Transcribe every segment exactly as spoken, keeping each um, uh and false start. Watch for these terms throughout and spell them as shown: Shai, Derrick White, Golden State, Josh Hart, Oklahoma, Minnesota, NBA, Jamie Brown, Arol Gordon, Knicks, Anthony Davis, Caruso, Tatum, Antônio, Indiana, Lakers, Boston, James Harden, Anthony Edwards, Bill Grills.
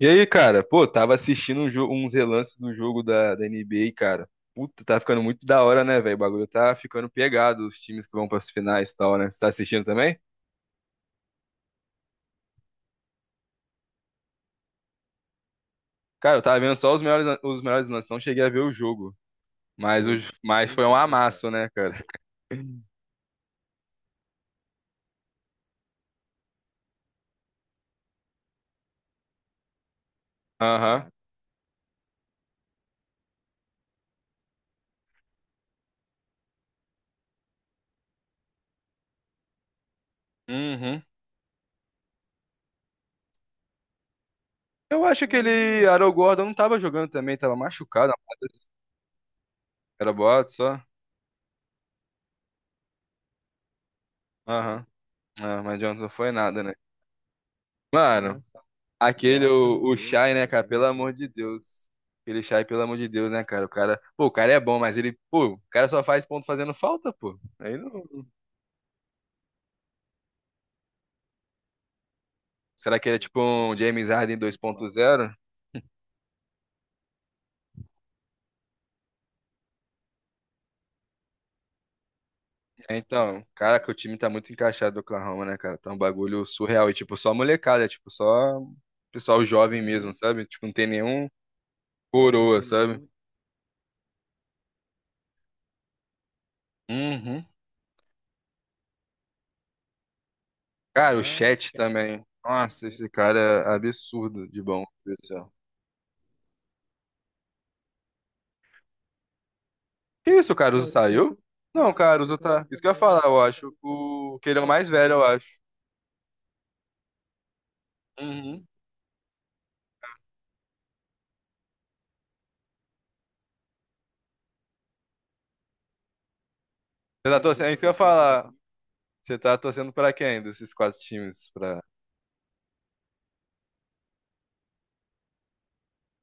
E aí, cara? Pô, tava assistindo um jo- uns relances do jogo da, da N B A, cara. Puta, tá ficando muito da hora, né, velho? O bagulho tá ficando pegado, os times que vão pras finais e tal, né? Você tá assistindo também? Cara, eu tava vendo só os melhores, lan- os melhores lances, não cheguei a ver o jogo. Mas, pô, os, mas foi um, né, amasso, né, cara? Aham. Caraca. Uhum. Eu acho que ele, Caramba. Arol Gordon não tava jogando também, tava machucado. Era boato só. Aham. Ah, mas adianta, não foi nada, né? Mano, Aquele, o, o meu Shai, né, cara? Pelo amor de Deus. Aquele Shai, pelo amor de Deus, né, cara? O cara, pô, o cara é bom, mas ele, pô, o cara só faz ponto fazendo falta, pô. Aí não. Será que ele é tipo um James Harden dois ponto zero? É, então, cara, que o time tá muito encaixado do Oklahoma, né, cara? Tá um bagulho surreal. E, tipo, só molecada, é, tipo, só pessoal jovem mesmo, uhum, sabe? Tipo, não tem nenhum coroa, sabe? Uhum. Uhum. Cara, o caraca, também. Nossa, esse cara é absurdo de bom. Que isso, o Caruso saiu? Não, o Caruso tá. Isso que eu ia falar, eu acho. O... Que ele é o mais velho, eu acho. Uhum. Você tá torcendo, é isso que eu ia falar. Você tá torcendo pra quem desses quatro times? Pra...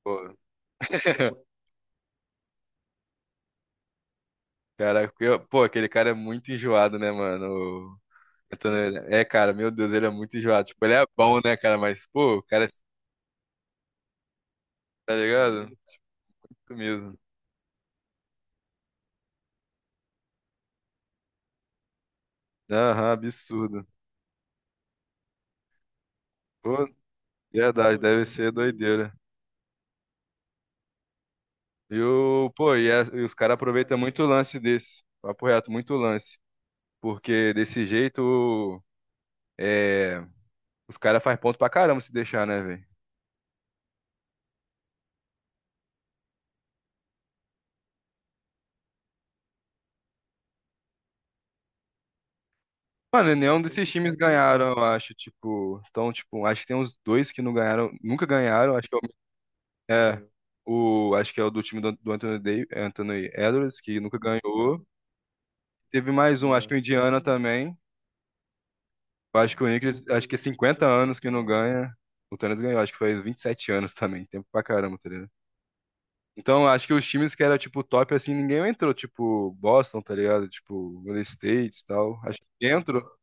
Pô, cara, eu- pô, aquele cara é muito enjoado, né, mano? O Antônio- É, cara, meu Deus, ele é muito enjoado. Tipo, ele é bom, né, cara? Mas, pô, o cara, é- tá ligado? Isso mesmo. Aham, absurdo. Pô, verdade, deve ser doideira. E o, pô, e, a- e os caras aproveitam muito o lance desse. Papo reto, muito lance. Porque desse jeito, é, os caras fazem ponto pra caramba se deixar, né, velho? Mano, nenhum desses times ganharam, eu acho, tipo. Então, tipo, acho que tem uns dois que não ganharam, nunca ganharam, acho que é, o, é, o- acho que é o do time do, do Anthony Davis, Anthony Edwards, que nunca ganhou. Teve mais um, acho que o Indiana também. Eu acho que o Knicks, acho que é cinquenta anos que não ganha. O Tênis ganhou, acho que foi vinte e sete anos também, tempo pra caramba, tá ligado? Então, acho que os times que era, tipo, top, assim, ninguém entrou. Tipo, Boston, tá ligado? Tipo, Golden State e tal. Acho que ninguém entrou.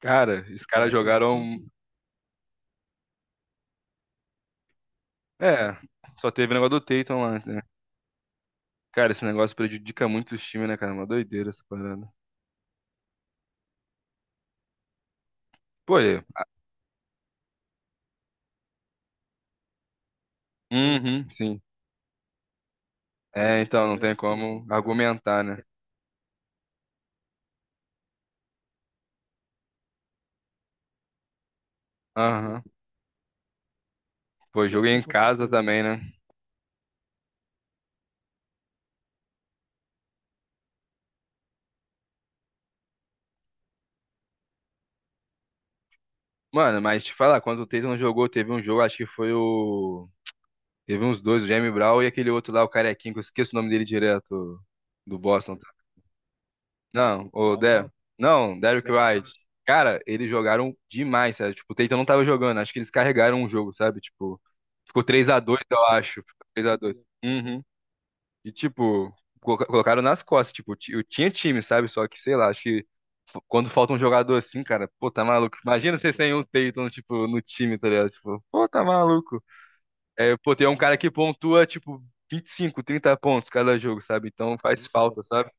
Cara, os caras jogaram. É, só teve o negócio do Tatum lá, né? Cara, esse negócio prejudica muito os times, né, cara? Uma doideira essa parada. Pô, é. Uhum, sim. É, então, não tem como argumentar, né? Aham. Pô, joguei em casa também, né? Mano, mas te falar, quando o Tatum jogou, teve um jogo, acho que foi o... Teve uns dois, o Jamie Brown e aquele outro lá, o carequinho, que eu esqueço o nome dele direto do Boston. Não, o Não, Der... não. Não, Derrick White. Cara, eles jogaram demais, sério. Tipo, o Tatum não tava jogando. Acho que eles carregaram o jogo, sabe? Tipo, ficou três a dois, eu acho. Ficou três a dois. Uhum. E, tipo, coloca- colocaram nas costas. Tipo, ti- eu tinha time, sabe? Só que, sei lá, acho que f- quando falta um jogador assim, cara, pô, tá maluco. Imagina você sem um Tatum, tipo, no time, tá ligado? Tipo, pô, tá maluco. É, pô, tem um cara que pontua, tipo, vinte e cinco, trinta pontos cada jogo, sabe? Então faz falta, sabe?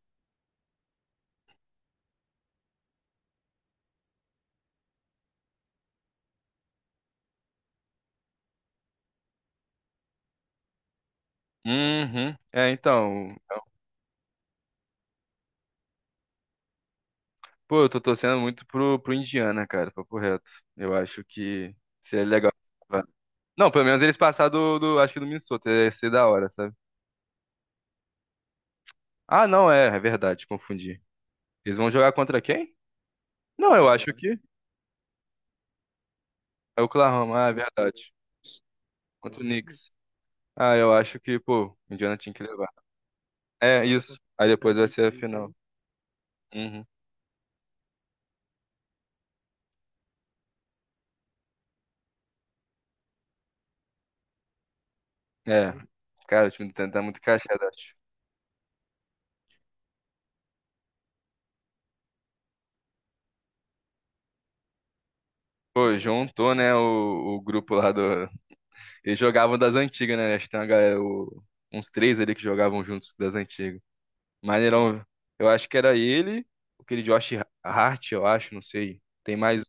Uhum. É, então. Pô, eu tô torcendo muito pro, pro Indiana, cara, papo reto. Eu acho que seria legal. Não, pelo menos eles passar do, do- acho que do Minnesota, ia ser da hora, sabe? Ah, não, é, é verdade, confundi. Eles vão jogar contra quem? Não, eu acho que é o Oklahoma, ah, é verdade. Contra o Knicks. Ah, eu acho que, pô, o Indiana tinha que levar. É, isso. Aí depois vai ser a final. Uhum. É. Cara, o time do Tenta tá muito encaixado, acho. Pô, juntou, né, o, o grupo lá do, eles jogavam das antigas, né? Acho que tem uma galera, o- uns três ali que jogavam juntos das antigas. Maneirão, eu acho que era ele, aquele Josh Hart, eu acho, não sei. Tem mais.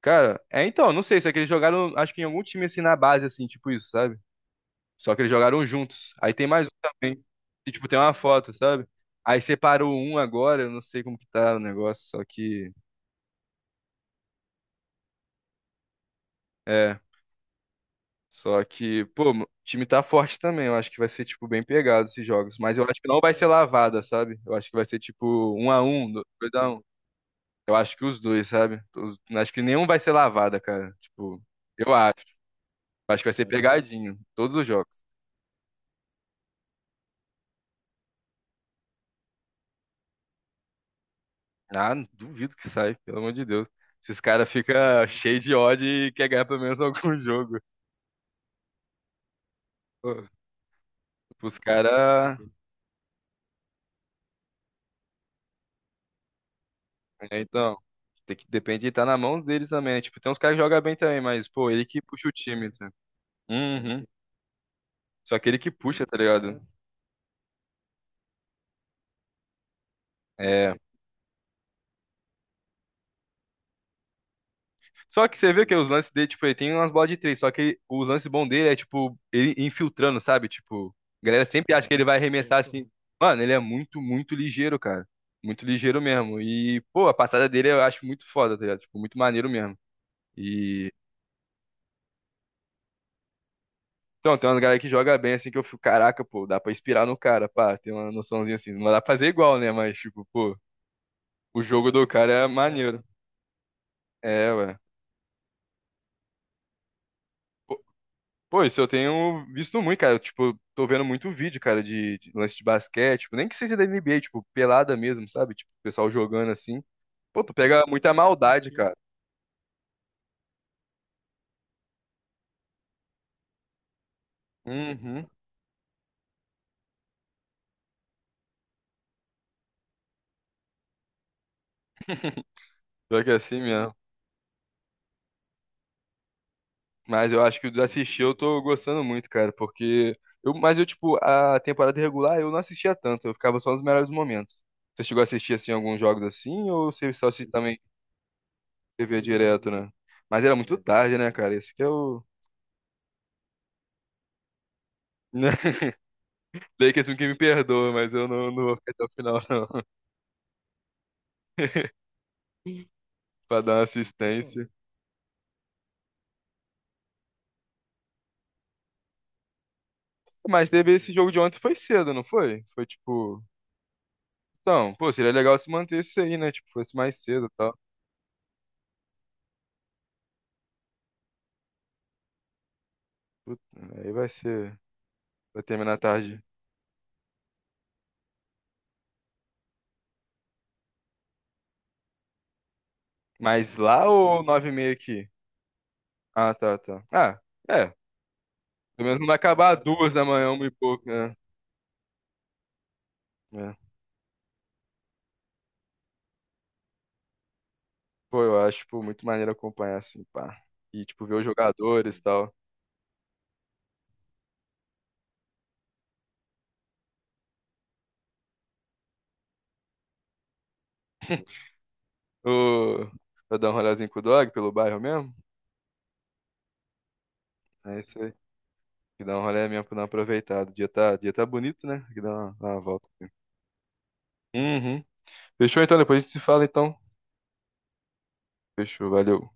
Cara, é então, não sei, se é que eles jogaram, acho que em algum time assim na base, assim, tipo isso, sabe? Só que eles jogaram juntos. Aí tem mais um também. E, tipo, tem uma foto, sabe? Aí separou um agora, eu não sei como que tá o negócio. Só que. é. Só que, pô, o time tá forte também. Eu acho que vai ser, tipo, bem pegado esses jogos. Mas eu acho que não vai ser lavada, sabe? Eu acho que vai ser, tipo, um a um, do- dois a um. Eu acho que os dois, sabe? Os- Acho que nenhum vai ser lavada, cara. Tipo, eu acho. Acho que vai ser pegadinho. Todos os jogos. Ah, duvido que sai, pelo amor de Deus. Esses caras ficam cheios de ódio e quer ganhar pelo menos algum jogo. Pô, os caras. É, então. Tem que, depende de estar na mão deles também, né? Tipo, tem uns caras que jogam bem também, mas, pô, ele que puxa o time. tá Uhum. Só aquele que puxa, tá ligado? Então, é. Só que você vê que os lances dele, tipo, ele tem umas bolas de três, só que ele- os lances bons dele é, tipo, ele infiltrando, sabe? Tipo, a galera sempre acha que ele vai arremessar assim. Mano, ele é muito, muito ligeiro, cara. Muito ligeiro mesmo. E, pô, a passada dele eu acho muito foda, tá ligado? Tipo, muito maneiro mesmo. E. Então, tem uma galera que joga bem assim que eu fico, caraca, pô, dá pra inspirar no cara, pá, tem uma noçãozinha assim. Não dá pra fazer igual, né? Mas, tipo, pô, o jogo do cara é é, maneiro. É, ué. Pô, isso eu tenho visto muito, cara. Eu, tipo, tô vendo muito vídeo, cara, de, de lance de basquete, tipo, nem que seja da N B A, tipo, pelada mesmo, sabe? Tipo, o pessoal jogando assim. Pô, tu pega muita maldade, cara. Uhum. Pior que é assim mesmo. Mas eu acho que o de assistir eu tô gostando muito, cara, porque eu, mas eu tipo, a temporada regular eu não assistia tanto, eu ficava só nos melhores momentos. Você chegou a assistir assim alguns jogos assim ou você só se também tê vê direto, né? Mas era muito tarde, né, cara? Esse que é o Lakers que me perdoa, mas eu não, não vou ficar até o final, não, pra dar uma assistência. Mas teve esse jogo de ontem, foi cedo, não foi? Foi tipo. Então, pô, seria legal se mantesse aí, né? Tipo, fosse mais cedo e tal. Puta, aí vai ser. Vai terminar tarde. Mas lá ou nove e meia aqui? Ah, tá, tá. Ah, é. Pelo menos não vai acabar às duas da manhã, uma e pouco, né? É. Pô, eu acho, pô, muito maneiro acompanhar assim, pá. E, tipo, ver os jogadores e tal. Ô, pra dar um rolezinho com o dog pelo bairro mesmo? É isso que dá um rolê mesmo pra dar uma aproveitada. O dia tá, o dia tá bonito, né? Que dá uma, uma volta. Uhum. Fechou então, depois a gente se fala então. Fechou, valeu.